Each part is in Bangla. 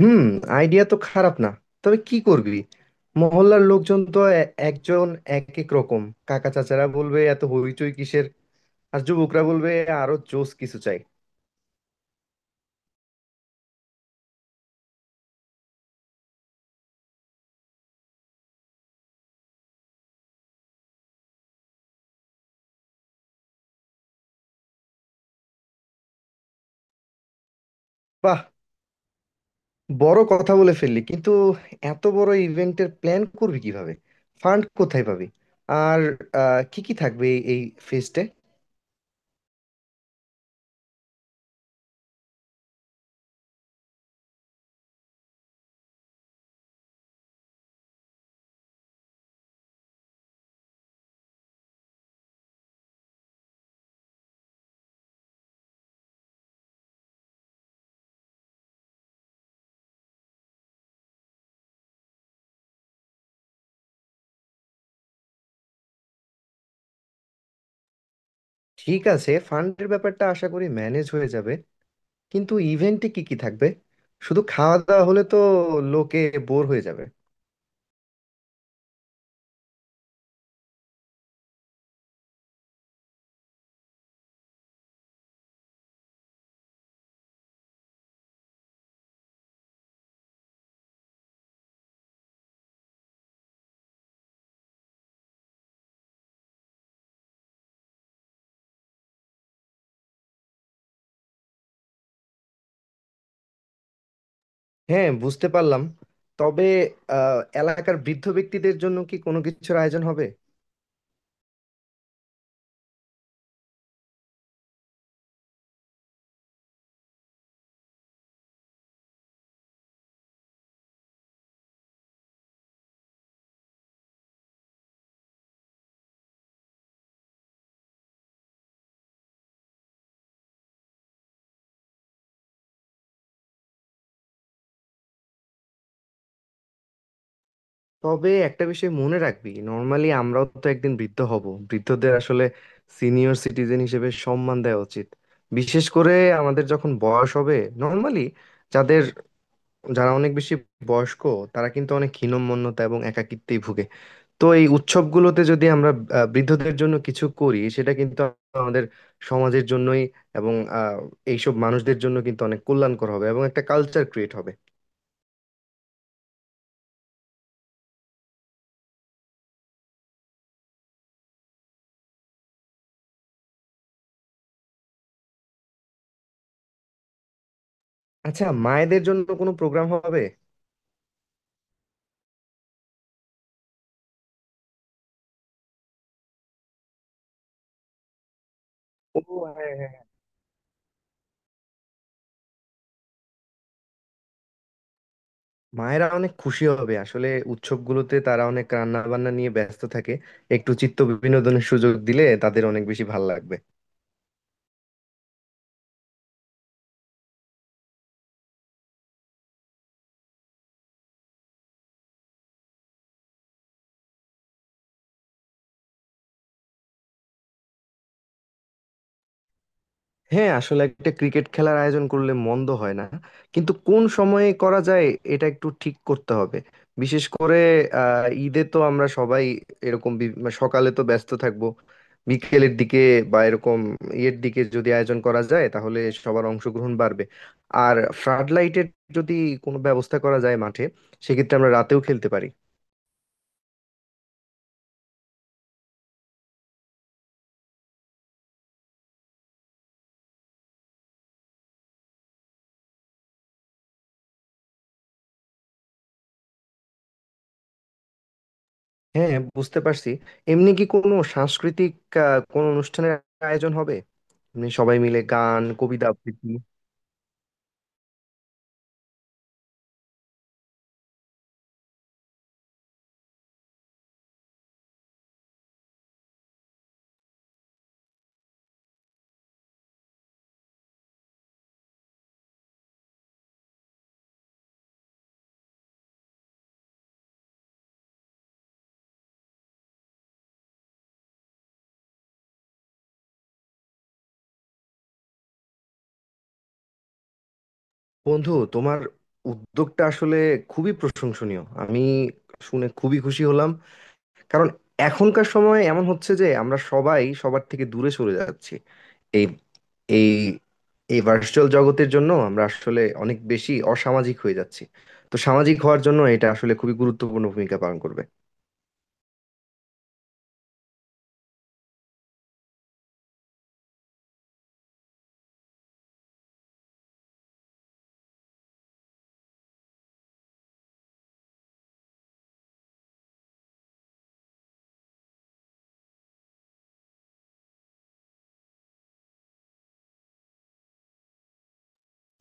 হুম। আইডিয়া তো খারাপ না। তবে কি করবি? মহল্লার লোকজন তো একজন এক এক রকম। কাকা চাচারা বলবে এত হইচই কিসের? আর যুবকরা বলবে আরো জোস কিছু চাই। বাহ! বড় কথা বলে ফেললি কিন্তু। এত বড় ইভেন্টের প্ল্যান করবি কিভাবে? ফান্ড কোথায় পাবি? আর কি কি থাকবে এই এই ফেস্টে? ঠিক আছে, ফান্ডের ব্যাপারটা আশা করি ম্যানেজ হয়ে যাবে। কিন্তু ইভেন্টে কি কি থাকবে? শুধু খাওয়া দাওয়া হলে তো লোকে বোর হয়ে যাবে। হ্যাঁ, বুঝতে পারলাম। তবে এলাকার বৃদ্ধ ব্যক্তিদের জন্য কি কোনো কিছুর আয়োজন হবে? তবে একটা বিষয় মনে রাখবি, নর্মালি আমরাও তো একদিন বৃদ্ধ হব। বৃদ্ধদের আসলে সিনিয়র সিটিজেন হিসেবে সম্মান দেওয়া উচিত। বিশেষ করে আমাদের যখন বয়স হবে, নর্মালি যাদের যারা অনেক বেশি বয়স্ক, তারা কিন্তু অনেক হীনম্মন্যতা এবং একাকিত্বেই ভুগে। তো এই উৎসবগুলোতে যদি আমরা বৃদ্ধদের জন্য কিছু করি, সেটা কিন্তু আমাদের সমাজের জন্যই এবং এইসব মানুষদের জন্য কিন্তু অনেক কল্যাণকর হবে এবং একটা কালচার ক্রিয়েট হবে। আচ্ছা, মায়েদের জন্য কোনো প্রোগ্রাম হবে? ও, হ্যাঁ হ্যাঁ হ্যাঁ। মায়েরা অনেক খুশি হবে। আসলে উৎসবগুলোতে তারা অনেক রান্না বান্না নিয়ে ব্যস্ত থাকে, একটু চিত্ত বিনোদনের সুযোগ দিলে তাদের অনেক বেশি ভালো লাগবে। হ্যাঁ, আসলে একটা ক্রিকেট খেলার আয়োজন করলে মন্দ হয় না। কিন্তু কোন সময়ে করা যায়, এটা একটু ঠিক করতে হবে। বিশেষ করে ঈদে তো আমরা সবাই এরকম মানে সকালে তো ব্যস্ত থাকবো। বিকেলের দিকে বা এরকম ইয়ের দিকে যদি আয়োজন করা যায় তাহলে সবার অংশগ্রহণ বাড়বে। আর ফ্লাড লাইটের যদি কোনো ব্যবস্থা করা যায় মাঠে, সেক্ষেত্রে আমরা রাতেও খেলতে পারি। হ্যাঁ, বুঝতে পারছি। এমনি কি কোনো সাংস্কৃতিক কোনো অনুষ্ঠানের আয়োজন হবে? এমনি সবাই মিলে গান কবিতা আবৃত্তি? বন্ধু, তোমার উদ্যোগটা আসলে খুবই প্রশংসনীয়। আমি শুনে খুবই খুশি হলাম। কারণ এখনকার সময়ে এমন হচ্ছে যে আমরা সবাই সবার থেকে দূরে সরে যাচ্ছি। এই এই এই ভার্চুয়াল জগতের জন্য আমরা আসলে অনেক বেশি অসামাজিক হয়ে যাচ্ছি। তো সামাজিক হওয়ার জন্য এটা আসলে খুবই গুরুত্বপূর্ণ ভূমিকা পালন করবে।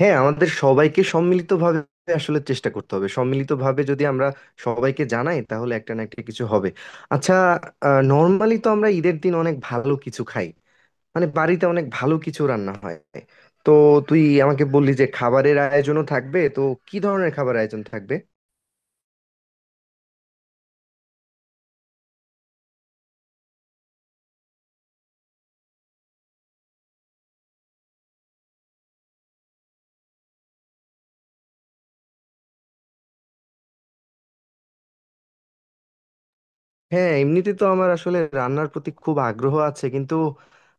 হ্যাঁ, আমাদের সবাইকে সম্মিলিতভাবে আসলে চেষ্টা করতে হবে। সম্মিলিতভাবে যদি আমরা সবাইকে জানাই তাহলে একটা না একটা কিছু হবে। আচ্ছা, নর্মালি তো আমরা ঈদের দিন অনেক ভালো কিছু খাই, মানে বাড়িতে অনেক ভালো কিছু রান্না হয়। তো তুই আমাকে বললি যে খাবারের আয়োজনও থাকবে, তো কি ধরনের খাবার আয়োজন থাকবে? হ্যাঁ, এমনিতে তো আমার আসলে রান্নার প্রতি খুব আগ্রহ আছে, কিন্তু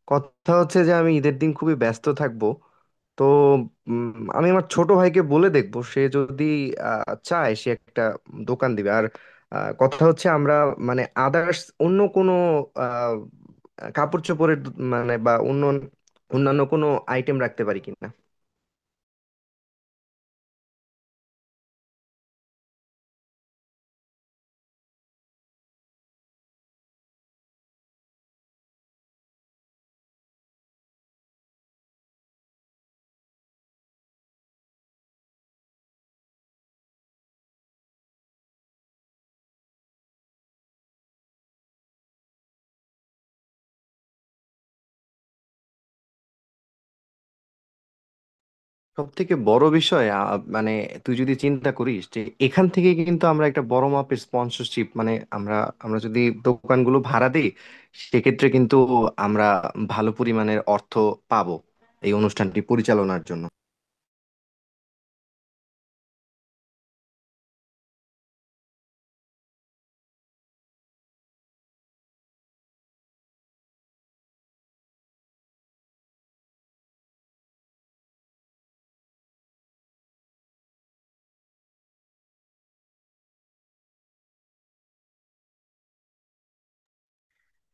কথা হচ্ছে যে আমি ঈদের দিন খুবই ব্যস্ত থাকবো। তো উম, আমি আমার ছোট ভাইকে বলে দেখবো সে যদি চায় সে একটা দোকান দিবে। আর কথা হচ্ছে আমরা মানে আদার্স অন্য কোনো আহ, কাপড় চোপড়ের মানে বা অন্য অন্যান্য কোনো আইটেম রাখতে পারি কিনা। সব থেকে বড় বিষয় মানে তুই যদি চিন্তা করিস যে এখান থেকে কিন্তু আমরা একটা বড় মাপের স্পন্সরশিপ, মানে আমরা আমরা যদি দোকানগুলো ভাড়া দিই সেক্ষেত্রে কিন্তু আমরা ভালো পরিমাণের অর্থ পাবো এই অনুষ্ঠানটি পরিচালনার জন্য।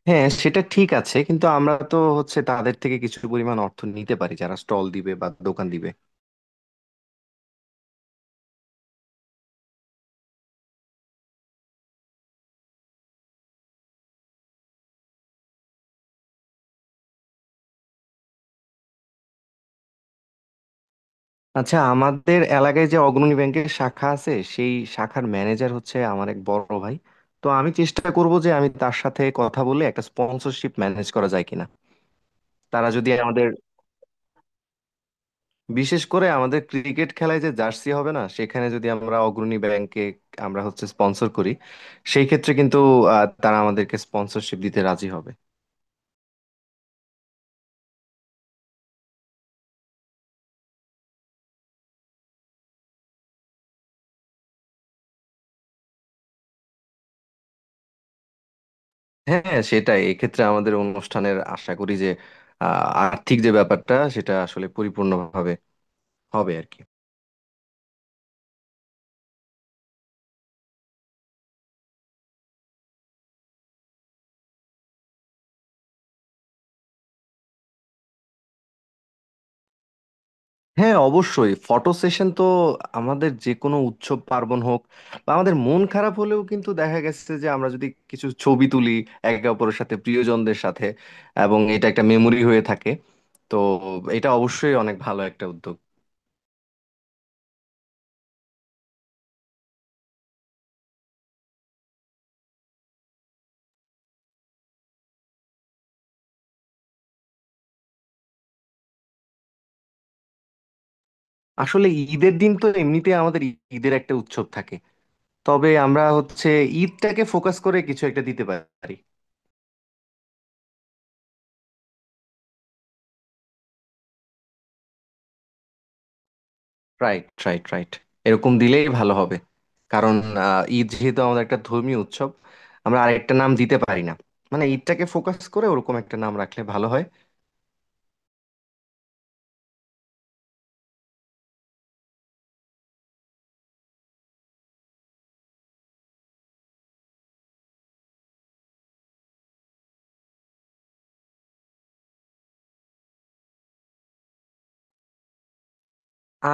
হ্যাঁ, সেটা ঠিক আছে। কিন্তু আমরা তো হচ্ছে তাদের থেকে কিছু পরিমাণ অর্থ নিতে পারি যারা স্টল দিবে বা দোকান দিবে। আচ্ছা, আমাদের এলাকায় যে অগ্রণী ব্যাংকের শাখা আছে সেই শাখার ম্যানেজার হচ্ছে আমার এক বড় ভাই। তো আমি চেষ্টা করব যে আমি তার সাথে কথা বলে একটা স্পন্সরশিপ ম্যানেজ করা যায় কিনা। তারা যদি আমাদের বিশেষ করে আমাদের ক্রিকেট খেলায় যে জার্সি হবে না সেখানে যদি আমরা অগ্রণী ব্যাংকে আমরা হচ্ছে স্পন্সর করি, সেই ক্ষেত্রে কিন্তু তারা আমাদেরকে স্পন্সরশিপ দিতে রাজি হবে। হ্যাঁ সেটাই, এক্ষেত্রে আমাদের অনুষ্ঠানের আশা করি যে আর্থিক যে ব্যাপারটা সেটা আসলে পরিপূর্ণভাবে হবে আর কি। হ্যাঁ অবশ্যই, ফটো সেশন তো আমাদের যে কোনো উৎসব পার্বণ হোক বা আমাদের মন খারাপ হলেও কিন্তু দেখা গেছে যে আমরা যদি কিছু ছবি তুলি একে অপরের সাথে, প্রিয়জনদের সাথে, এবং এটা একটা মেমোরি হয়ে থাকে। তো এটা অবশ্যই অনেক ভালো একটা উদ্যোগ। আসলে ঈদের দিন তো এমনিতে আমাদের ঈদের একটা উৎসব থাকে। তবে আমরা হচ্ছে ঈদটাকে ফোকাস করে কিছু একটা দিতে পারি। রাইট রাইট রাইট, এরকম দিলেই ভালো হবে। কারণ ঈদ যেহেতু আমাদের একটা ধর্মীয় উৎসব, আমরা আরেকটা নাম দিতে পারি না? মানে ঈদটাকে ফোকাস করে ওরকম একটা নাম রাখলে ভালো হয়।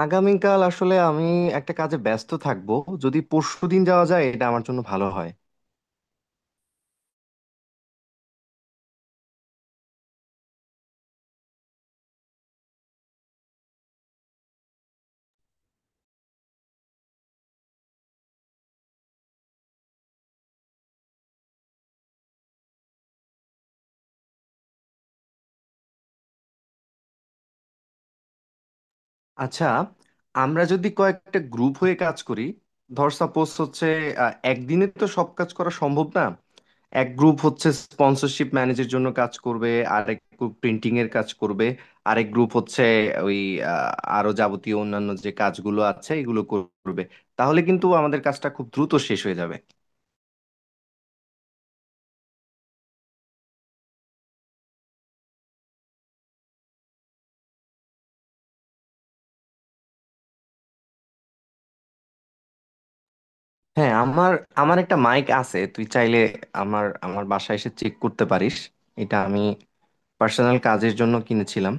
আগামীকাল আসলে আমি একটা কাজে ব্যস্ত থাকবো। যদি পরশু দিন যাওয়া যায় এটা আমার জন্য ভালো হয়। আচ্ছা, আমরা যদি কয়েকটা গ্রুপ হয়ে কাজ করি, ধর সাপোজ হচ্ছে একদিনে তো সব কাজ করা সম্ভব না। এক গ্রুপ হচ্ছে স্পন্সরশিপ ম্যানেজের জন্য কাজ করবে, আরেক গ্রুপ প্রিন্টিং এর কাজ করবে, আরেক গ্রুপ হচ্ছে ওই আহ, আরো যাবতীয় অন্যান্য যে কাজগুলো আছে এগুলো করবে। তাহলে কিন্তু আমাদের কাজটা খুব দ্রুত শেষ হয়ে যাবে। হ্যাঁ, আমার আমার একটা মাইক আছে তুই চাইলে আমার আমার বাসায় এসে চেক করতে পারিস। এটা আমি পার্সোনাল কাজের জন্য কিনেছিলাম।